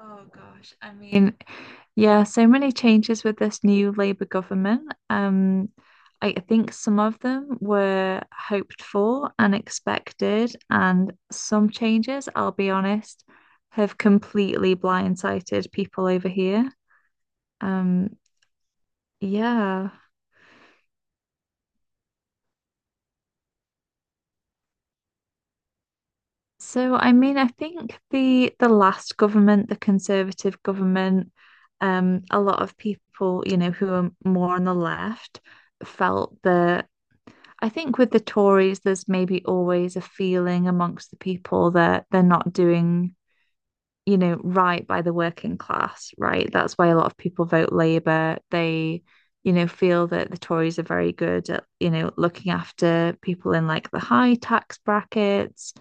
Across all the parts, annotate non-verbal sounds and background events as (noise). Oh gosh, I mean, yeah, so many changes with this new Labour government. I think some of them were hoped for and expected, and some changes, I'll be honest, have completely blindsided people over here. Um, yeah. So I mean, I think the last government, the Conservative government, a lot of people, you know, who are more on the left felt that I think with the Tories, there's maybe always a feeling amongst the people that they're not doing, you know, right by the working class, right? That's why a lot of people vote Labour. They, you know, feel that the Tories are very good at, you know, looking after people in like the high tax brackets.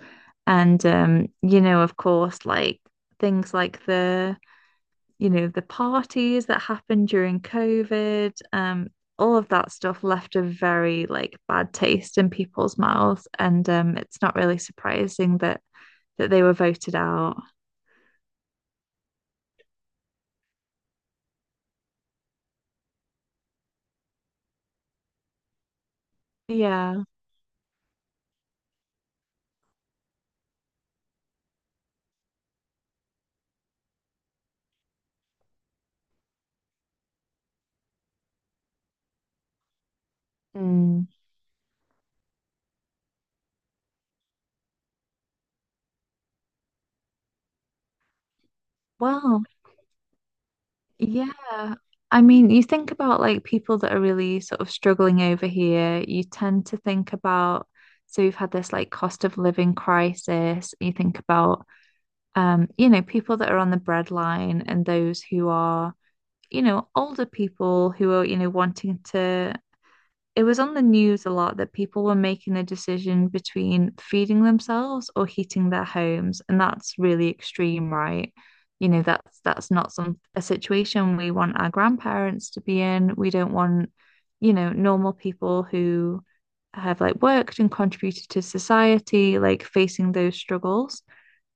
You know, of course, like things like the you know, the parties that happened during COVID, all of that stuff left a very like bad taste in people's mouths. And it's not really surprising that they were voted out. Yeah. Mm. Well, yeah. I mean, you think about like people that are really sort of struggling over here, you tend to think about, so we've had this like cost of living crisis. You think about, you know, people that are on the breadline and those who are you know, older people who are, you know, wanting to. It was on the news a lot that people were making a decision between feeding themselves or heating their homes, and that's really extreme, right? You know, that's not some a situation we want our grandparents to be in. We don't want, you know, normal people who have like worked and contributed to society, like facing those struggles.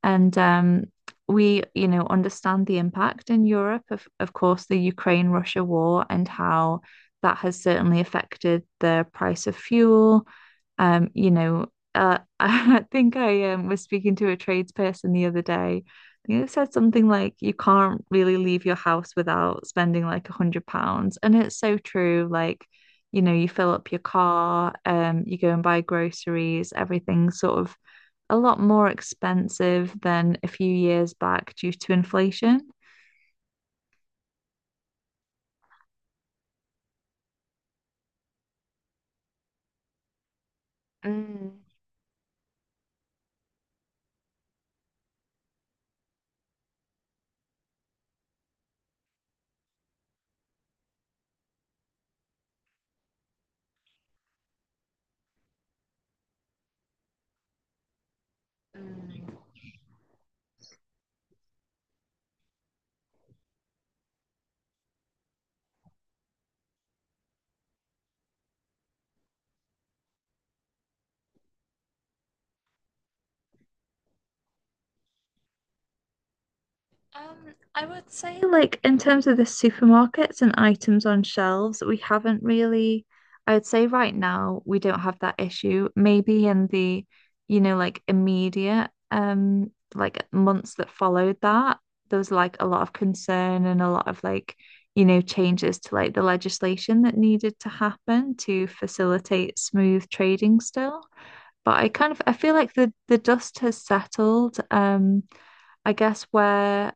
And we, you know, understand the impact in Europe of course, the Ukraine-Russia war and how that has certainly affected the price of fuel. You know, (laughs) I think I was speaking to a tradesperson the other day. I think it said something like, you can't really leave your house without spending like £100. And it's so true. Like, you know, you fill up your car, you go and buy groceries, everything sort of a lot more expensive than a few years back due to inflation. Mm. Um, I would say, like, in terms of the supermarkets and items on shelves, we haven't really, I would say right now, we don't have that issue. Maybe in the you know, like immediate, like months that followed that, there was like a lot of concern and a lot of like, you know, changes to like the legislation that needed to happen to facilitate smooth trading still. But I kind of I feel like the dust has settled. I guess where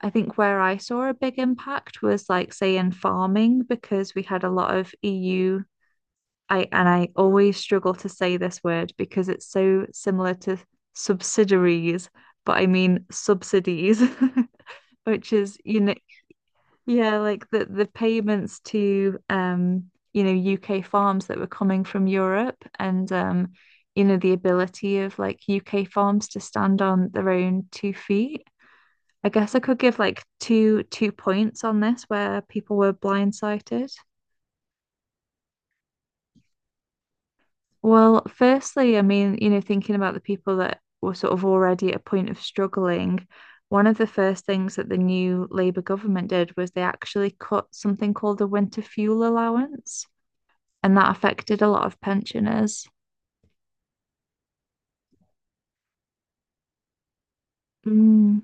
I think where I saw a big impact was like say in farming because we had a lot of EU. I and I always struggle to say this word because it's so similar to subsidiaries, but I mean subsidies, (laughs) which is you know yeah, like the payments to you know, UK farms that were coming from Europe and you know, the ability of like UK farms to stand on their own two feet. I guess I could give like two points on this where people were blindsided. Well, firstly, I mean, you know, thinking about the people that were sort of already at a point of struggling, one of the first things that the new Labour government did was they actually cut something called the winter fuel allowance. And that affected a lot of pensioners. Mm.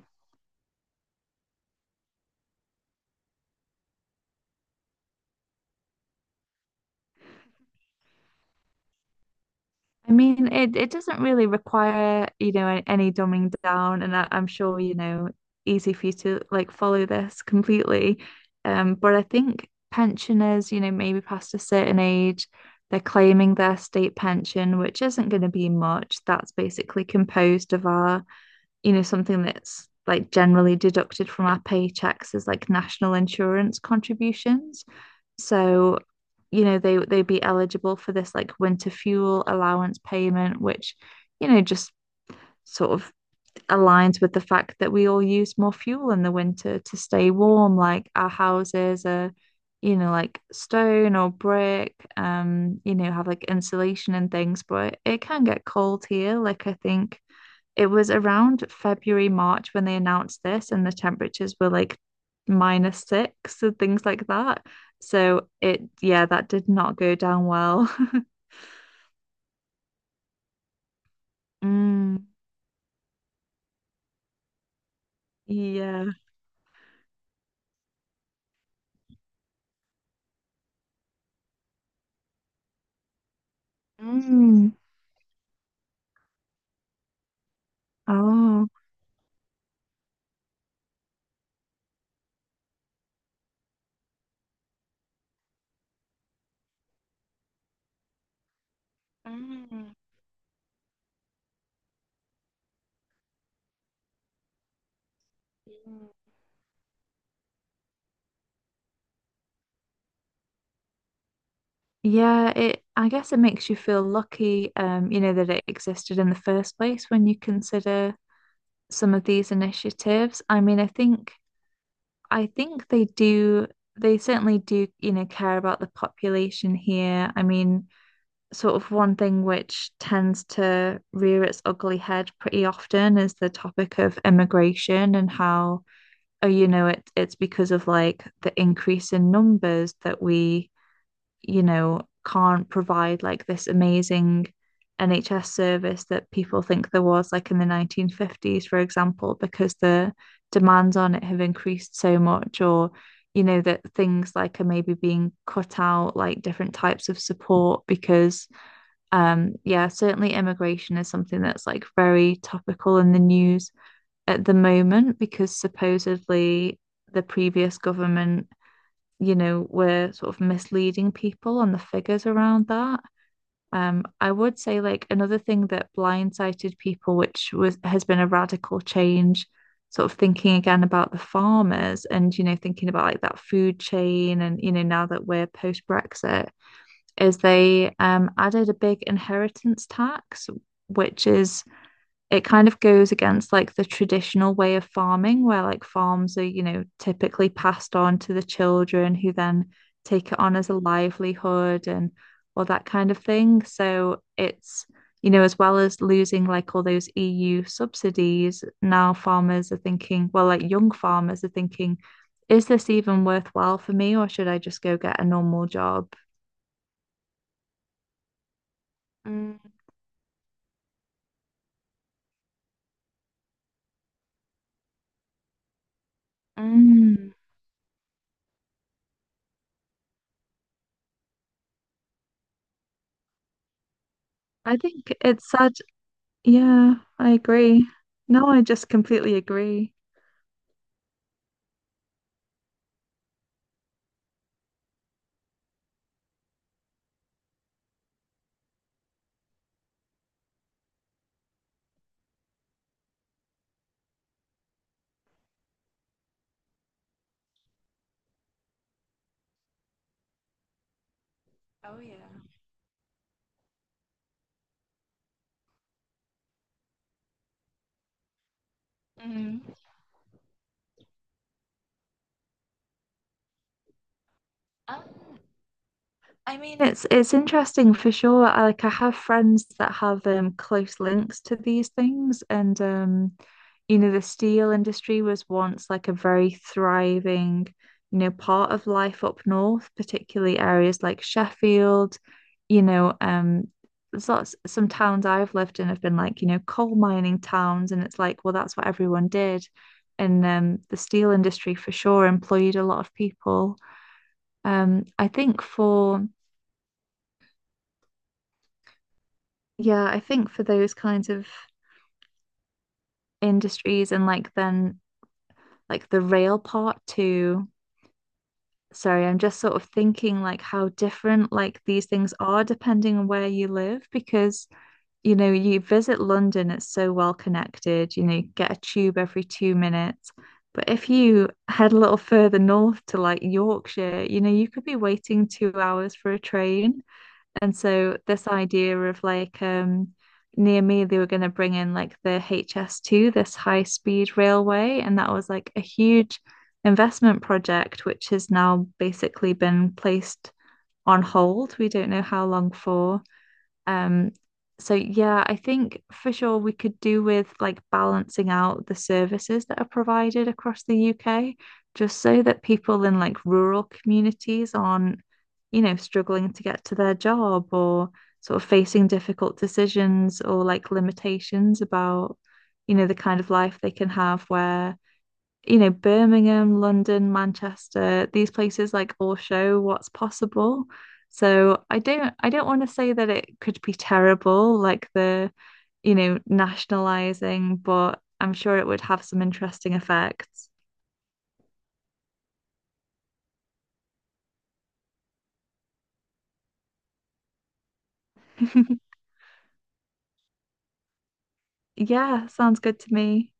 I mean, it doesn't really require, you know, any dumbing down, and I, I'm sure, you know, easy for you to like follow this completely. But I think pensioners, you know, maybe past a certain age, they're claiming their state pension, which isn't going to be much. That's basically composed of our you know, something that's like generally deducted from our paychecks is like national insurance contributions. So, you know, they'd be eligible for this like winter fuel allowance payment, which, you know, just sort of aligns with the fact that we all use more fuel in the winter to stay warm. Like our houses are, you know, like stone or brick, you know, have like insulation and things, but it can get cold here. Like I think it was around February, March when they announced this, and the temperatures were like -6 and things like that. So it, yeah, that did not go down well. (laughs) Mm, yeah. Mm. Oh. Mm, mm. Yeah, it I guess it makes you feel lucky, you know, that it existed in the first place when you consider some of these initiatives. I mean, I think they do, they certainly do, you know, care about the population here. I mean, sort of one thing which tends to rear its ugly head pretty often is the topic of immigration and how, oh, you know, it, it's because of like the increase in numbers that we you know, can't provide like this amazing NHS service that people think there was like in the 1950s, for example, because the demands on it have increased so much, or, you know, that things like are maybe being cut out, like different types of support, because, yeah, certainly immigration is something that's like very topical in the news at the moment, because supposedly the previous government you know, we're sort of misleading people on the figures around that. I would say like another thing that blindsided people, which was has been a radical change, sort of thinking again about the farmers and, you know, thinking about like that food chain and, you know, now that we're post Brexit, is they added a big inheritance tax, which is it kind of goes against like the traditional way of farming where like farms are you know typically passed on to the children who then take it on as a livelihood and all that kind of thing so it's you know as well as losing like all those EU subsidies now farmers are thinking well like young farmers are thinking is this even worthwhile for me or should I just go get a normal job. Mm. Mm. I think it's sad. Yeah, I agree. No, I just completely agree. Oh yeah. Um, I mean, it's interesting for sure. I, like I have friends that have close links to these things, and you know, the steel industry was once like a very thriving, you know, part of life up north, particularly areas like Sheffield, you know, there's lots some towns I've lived in have been like, you know, coal mining towns, and it's like, well, that's what everyone did. And the steel industry for sure employed a lot of people. I think for, yeah, I think for those kinds of industries and like then like the rail part too. Sorry, I'm just sort of thinking like how different like these things are depending on where you live because you know you visit London, it's so well connected, you know, you get a tube every 2 minutes. But if you head a little further north to like Yorkshire, you know, you could be waiting 2 hours for a train. And so this idea of like near me they were going to bring in like the HS2, this high speed railway, and that was like a huge investment project which has now basically been placed on hold. We don't know how long for. Um, so yeah, I think for sure we could do with like balancing out the services that are provided across the UK, just so that people in like rural communities aren't, you know, struggling to get to their job or sort of facing difficult decisions or like limitations about, you know, the kind of life they can have where you know, Birmingham, London, Manchester, these places like all show what's possible. So I don't want to say that it could be terrible, like the, you know, nationalizing, but I'm sure it would have some interesting effects. (laughs) Yeah, sounds good to me.